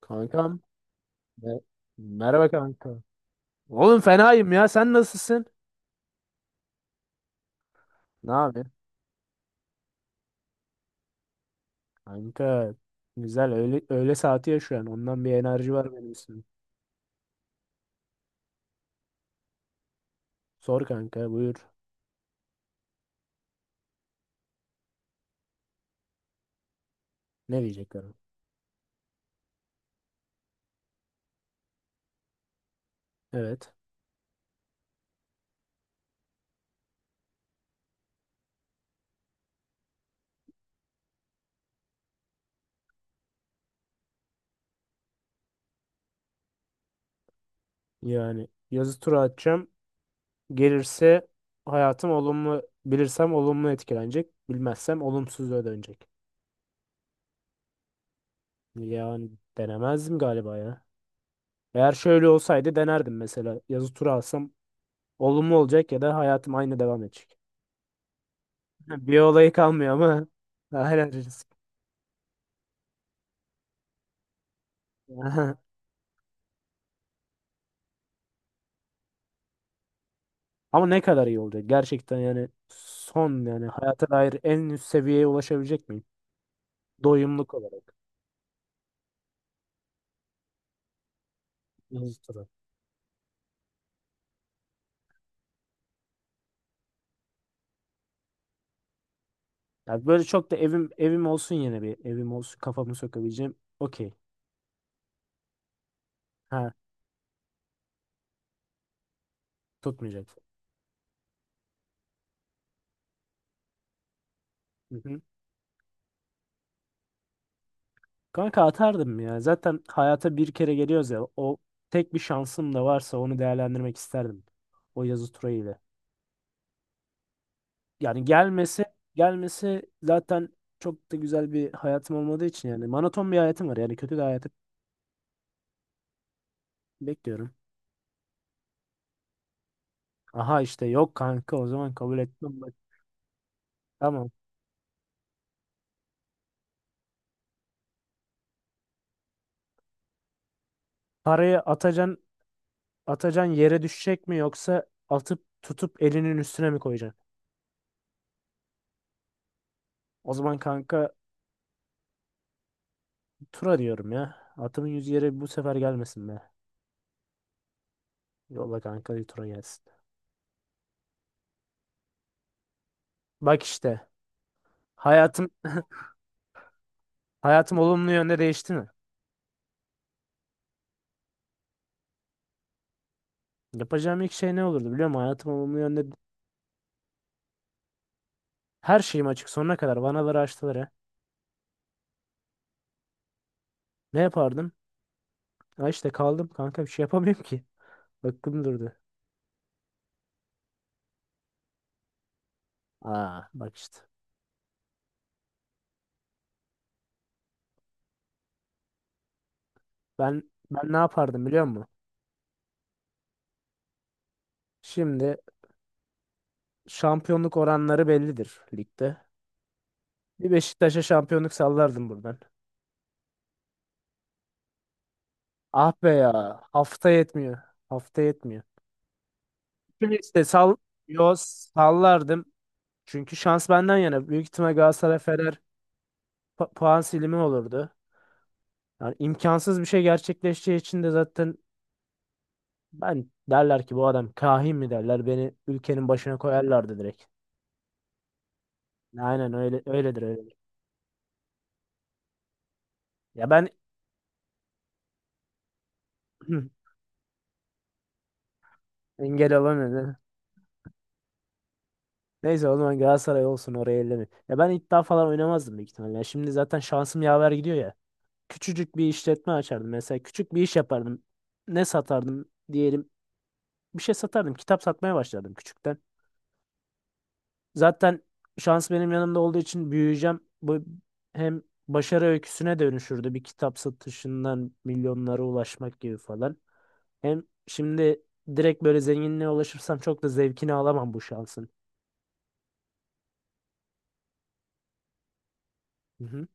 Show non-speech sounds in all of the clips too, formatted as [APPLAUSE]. Kankam. me- Merhaba kanka. Oğlum fenayım ya. Sen nasılsın? Ne yapıyorsun? Kanka. Güzel. Öğle saati ya şu an. Ondan bir enerji var benim üstümde. Sor kanka. Buyur. Ne diyecekler? Evet. Yani yazı tura atacağım. Gelirse hayatım olumlu. Bilirsem olumlu etkilenecek. Bilmezsem olumsuz dönecek. Yani denemezdim galiba ya. Eğer şöyle olsaydı denerdim mesela. Yazı tura alsam olumlu olacak ya da hayatım aynı devam edecek. Bir olayı kalmıyor ama hala risk. Aha. [LAUGHS] Ama ne kadar iyi olacak gerçekten yani son yani hayata dair en üst seviyeye ulaşabilecek miyim? Doyumluk olarak. Hızlı tura. Ya böyle çok da evim olsun, yine bir evim olsun, kafamı sokabileceğim. Okey. Ha, tutmayacak. Hı hı. Kanka, atardım ya. Zaten hayata bir kere geliyoruz ya. O tek bir şansım da varsa onu değerlendirmek isterdim. O yazı ile. Yani gelmesi zaten çok da güzel bir hayatım olmadığı için, yani monoton bir hayatım var. Yani kötü bir hayatı bekliyorum. Aha işte, yok kanka, o zaman kabul etmem. Bak. Tamam. Parayı atacan yere düşecek mi, yoksa atıp tutup elinin üstüne mi koyacaksın? O zaman kanka, tura diyorum ya. Atımın yüzü yere bu sefer gelmesin be. Yolla kanka, bir tura gelsin. Bak işte, hayatım hayatım olumlu yönde değişti mi? Yapacağım ilk şey ne olurdu biliyor musun? Hayatım olumlu yönde. Her şeyim açık sonuna kadar. Vanaları açtılar ha. Ne yapardım? Ha işte kaldım kanka, bir şey yapamıyorum ki. Aklım durdu. Aa, bak işte. Ben ben ne yapardım biliyor musun? Şimdi şampiyonluk oranları bellidir ligde. Bir Beşiktaş'a şampiyonluk sallardım buradan. Ah be ya. Hafta yetmiyor. Hafta yetmiyor. Şimdi işte sallardım. Çünkü şans benden yana. Büyük ihtimal Galatasaray Fener puan silimi olurdu. Yani imkansız bir şey gerçekleşeceği için de zaten ben, derler ki bu adam kahin mi, derler, beni ülkenin başına koyarlardı direkt. Aynen öyle, öyledir. Ya ben [CLEARS THROAT] engel olamıyorum. Neyse, o zaman Galatasaray olsun, oraya elleme. Ya ben iddia falan oynamazdım büyük ihtimalle. Ya şimdi zaten şansım yaver gidiyor ya. Küçücük bir işletme açardım mesela. Küçük bir iş yapardım. Ne satardım diyelim. Bir şey satardım. Kitap satmaya başlardım küçükten. Zaten şans benim yanımda olduğu için büyüyeceğim. Bu hem başarı öyküsüne dönüşürdü. Bir kitap satışından milyonlara ulaşmak gibi falan. Hem şimdi direkt böyle zenginliğe ulaşırsam çok da zevkini alamam bu şansın. Hı hı.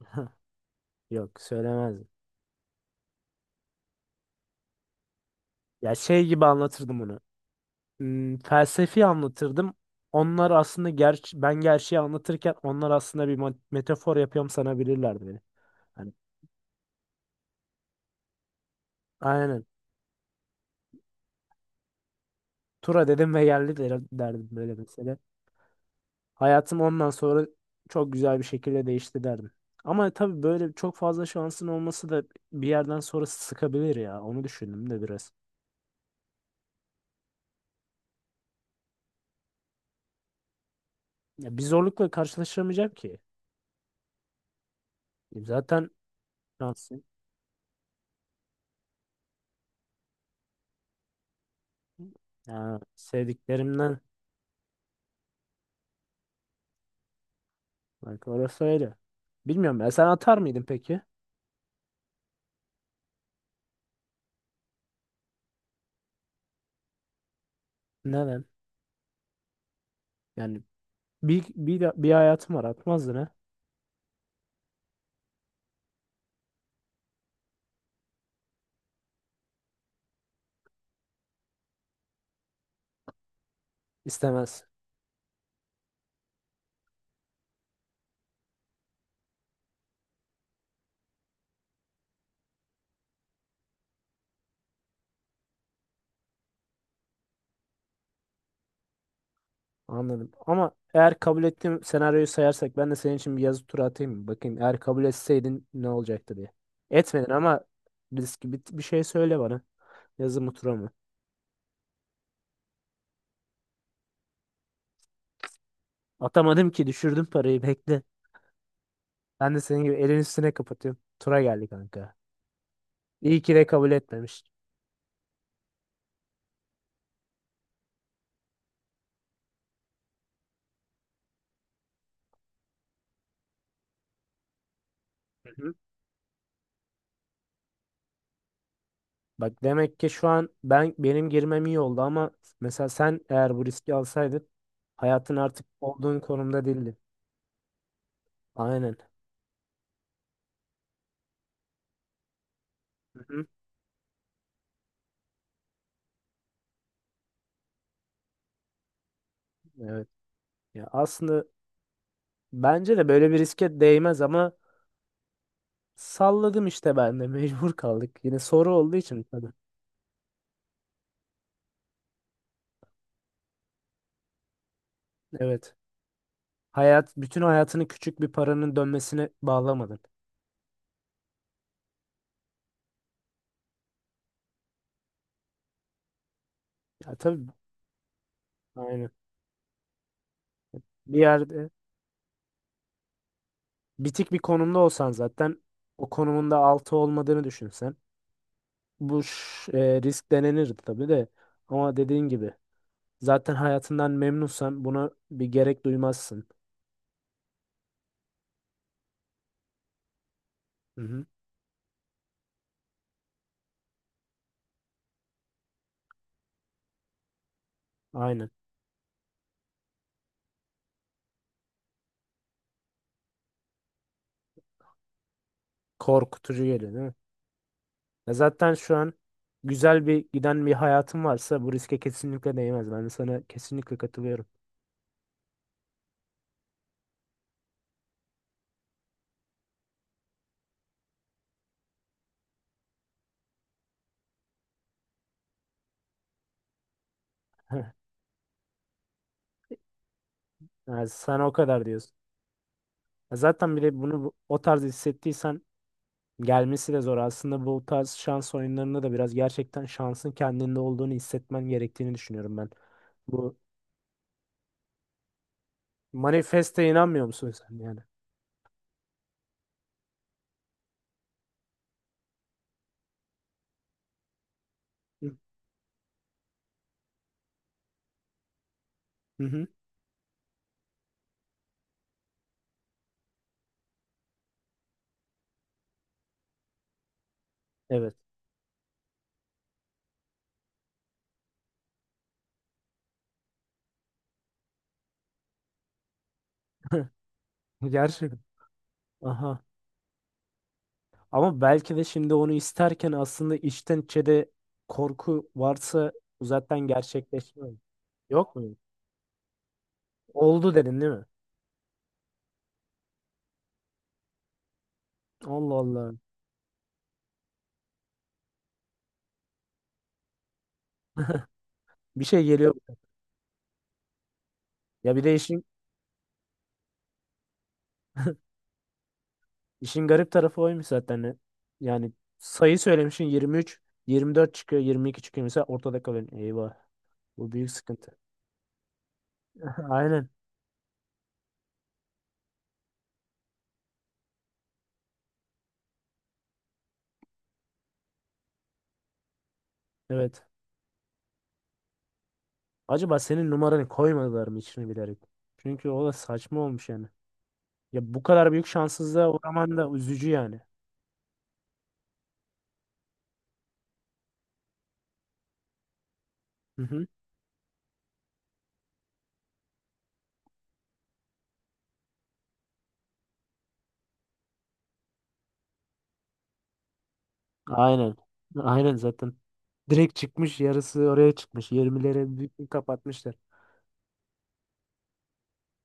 [LAUGHS] Yok, söylemezdim. Ya şey gibi anlatırdım onu. Felsefi anlatırdım. Onlar aslında, gerçi ben gerçeği anlatırken, onlar aslında bir metafor yapıyorum sanabilirlerdi beni. Hani, aynen. Tura dedim ve geldi derdim böyle mesela. Hayatım ondan sonra çok güzel bir şekilde değişti derdim. Ama tabii böyle çok fazla şansın olması da bir yerden sonra sıkabilir ya. Onu düşündüm de biraz. Ya bir zorlukla karşılaşamayacağım ki. Zaten şansın. Ya sevdiklerimden. Bak orası öyle. Bilmiyorum ya, sen atar mıydın peki? Neden? Yani bir hayatım var, atmazdın ha. İstemez. Anladım. Ama eğer kabul ettiğim senaryoyu sayarsak, ben de senin için bir yazı turu atayım mı? Bakayım, eğer kabul etseydin ne olacaktı diye. Etmedin ama risk. Bir şey söyle bana. Yazı mı, tura mı? Atamadım ki, düşürdüm parayı, bekle. Ben de senin gibi elin üstüne kapatıyorum. Tura geldi kanka. İyi ki de kabul etmemiş. Hı hı. Bak demek ki şu an benim girmem iyi oldu, ama mesela sen eğer bu riski alsaydın, hayatın artık olduğun konumda değildin. Aynen. Hı hı. Evet. Ya aslında bence de böyle bir riske değmez, ama salladım işte ben de. [LAUGHS] Mecbur kaldık. Yine soru olduğu için tabii. Evet. Hayat, bütün hayatını küçük bir paranın dönmesine bağlamadın. Ya tabii, aynı. Bir yerde bitik bir konumda olsan, zaten o konumunda altı olmadığını düşünsen, risk denenirdi tabii de, ama dediğin gibi, zaten hayatından memnunsan buna bir gerek duymazsın. Hı hı. Aynen. Korkutucu geliyor değil mi? Ya zaten şu an güzel bir giden bir hayatın varsa bu riske kesinlikle değmez. Ben de sana kesinlikle katılıyorum. [LAUGHS] Yani sana o kadar diyorsun. Ya zaten bir de bunu o tarz hissettiysen gelmesi de zor. Aslında bu tarz şans oyunlarında da biraz gerçekten şansın kendinde olduğunu hissetmen gerektiğini düşünüyorum ben. Bu manifeste inanmıyor musun sen yani? Hı hı. Evet. [LAUGHS] Gerçekten. Aha. Ama belki de şimdi onu isterken aslında içten içe de korku varsa bu zaten gerçekleşmiyor. Yok mu? Oldu dedin değil mi? Allah Allah. Bir şey geliyor. Ya bir de işin garip tarafı oymuş zaten. Yani sayı söylemişsin 23, 24 çıkıyor, 22 çıkıyor. Mesela ortada kalıyorsun. Eyvah. Bu büyük sıkıntı. [LAUGHS] Aynen. Evet. Acaba senin numaranı koymadılar mı içine bilerek? Çünkü o da saçma olmuş yani. Ya bu kadar büyük şanssızlığa uğraman da üzücü yani. Hı hı. Aynen. Aynen zaten. Direkt çıkmış, yarısı oraya çıkmış. 20'lere bütün kapatmışlar.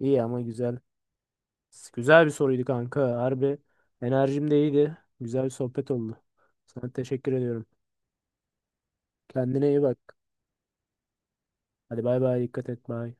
İyi ama güzel. Güzel bir soruydu kanka. Harbi enerjim de iyiydi. Güzel bir sohbet oldu. Sana teşekkür ediyorum. Kendine iyi bak. Hadi bay bay, dikkat et, bay.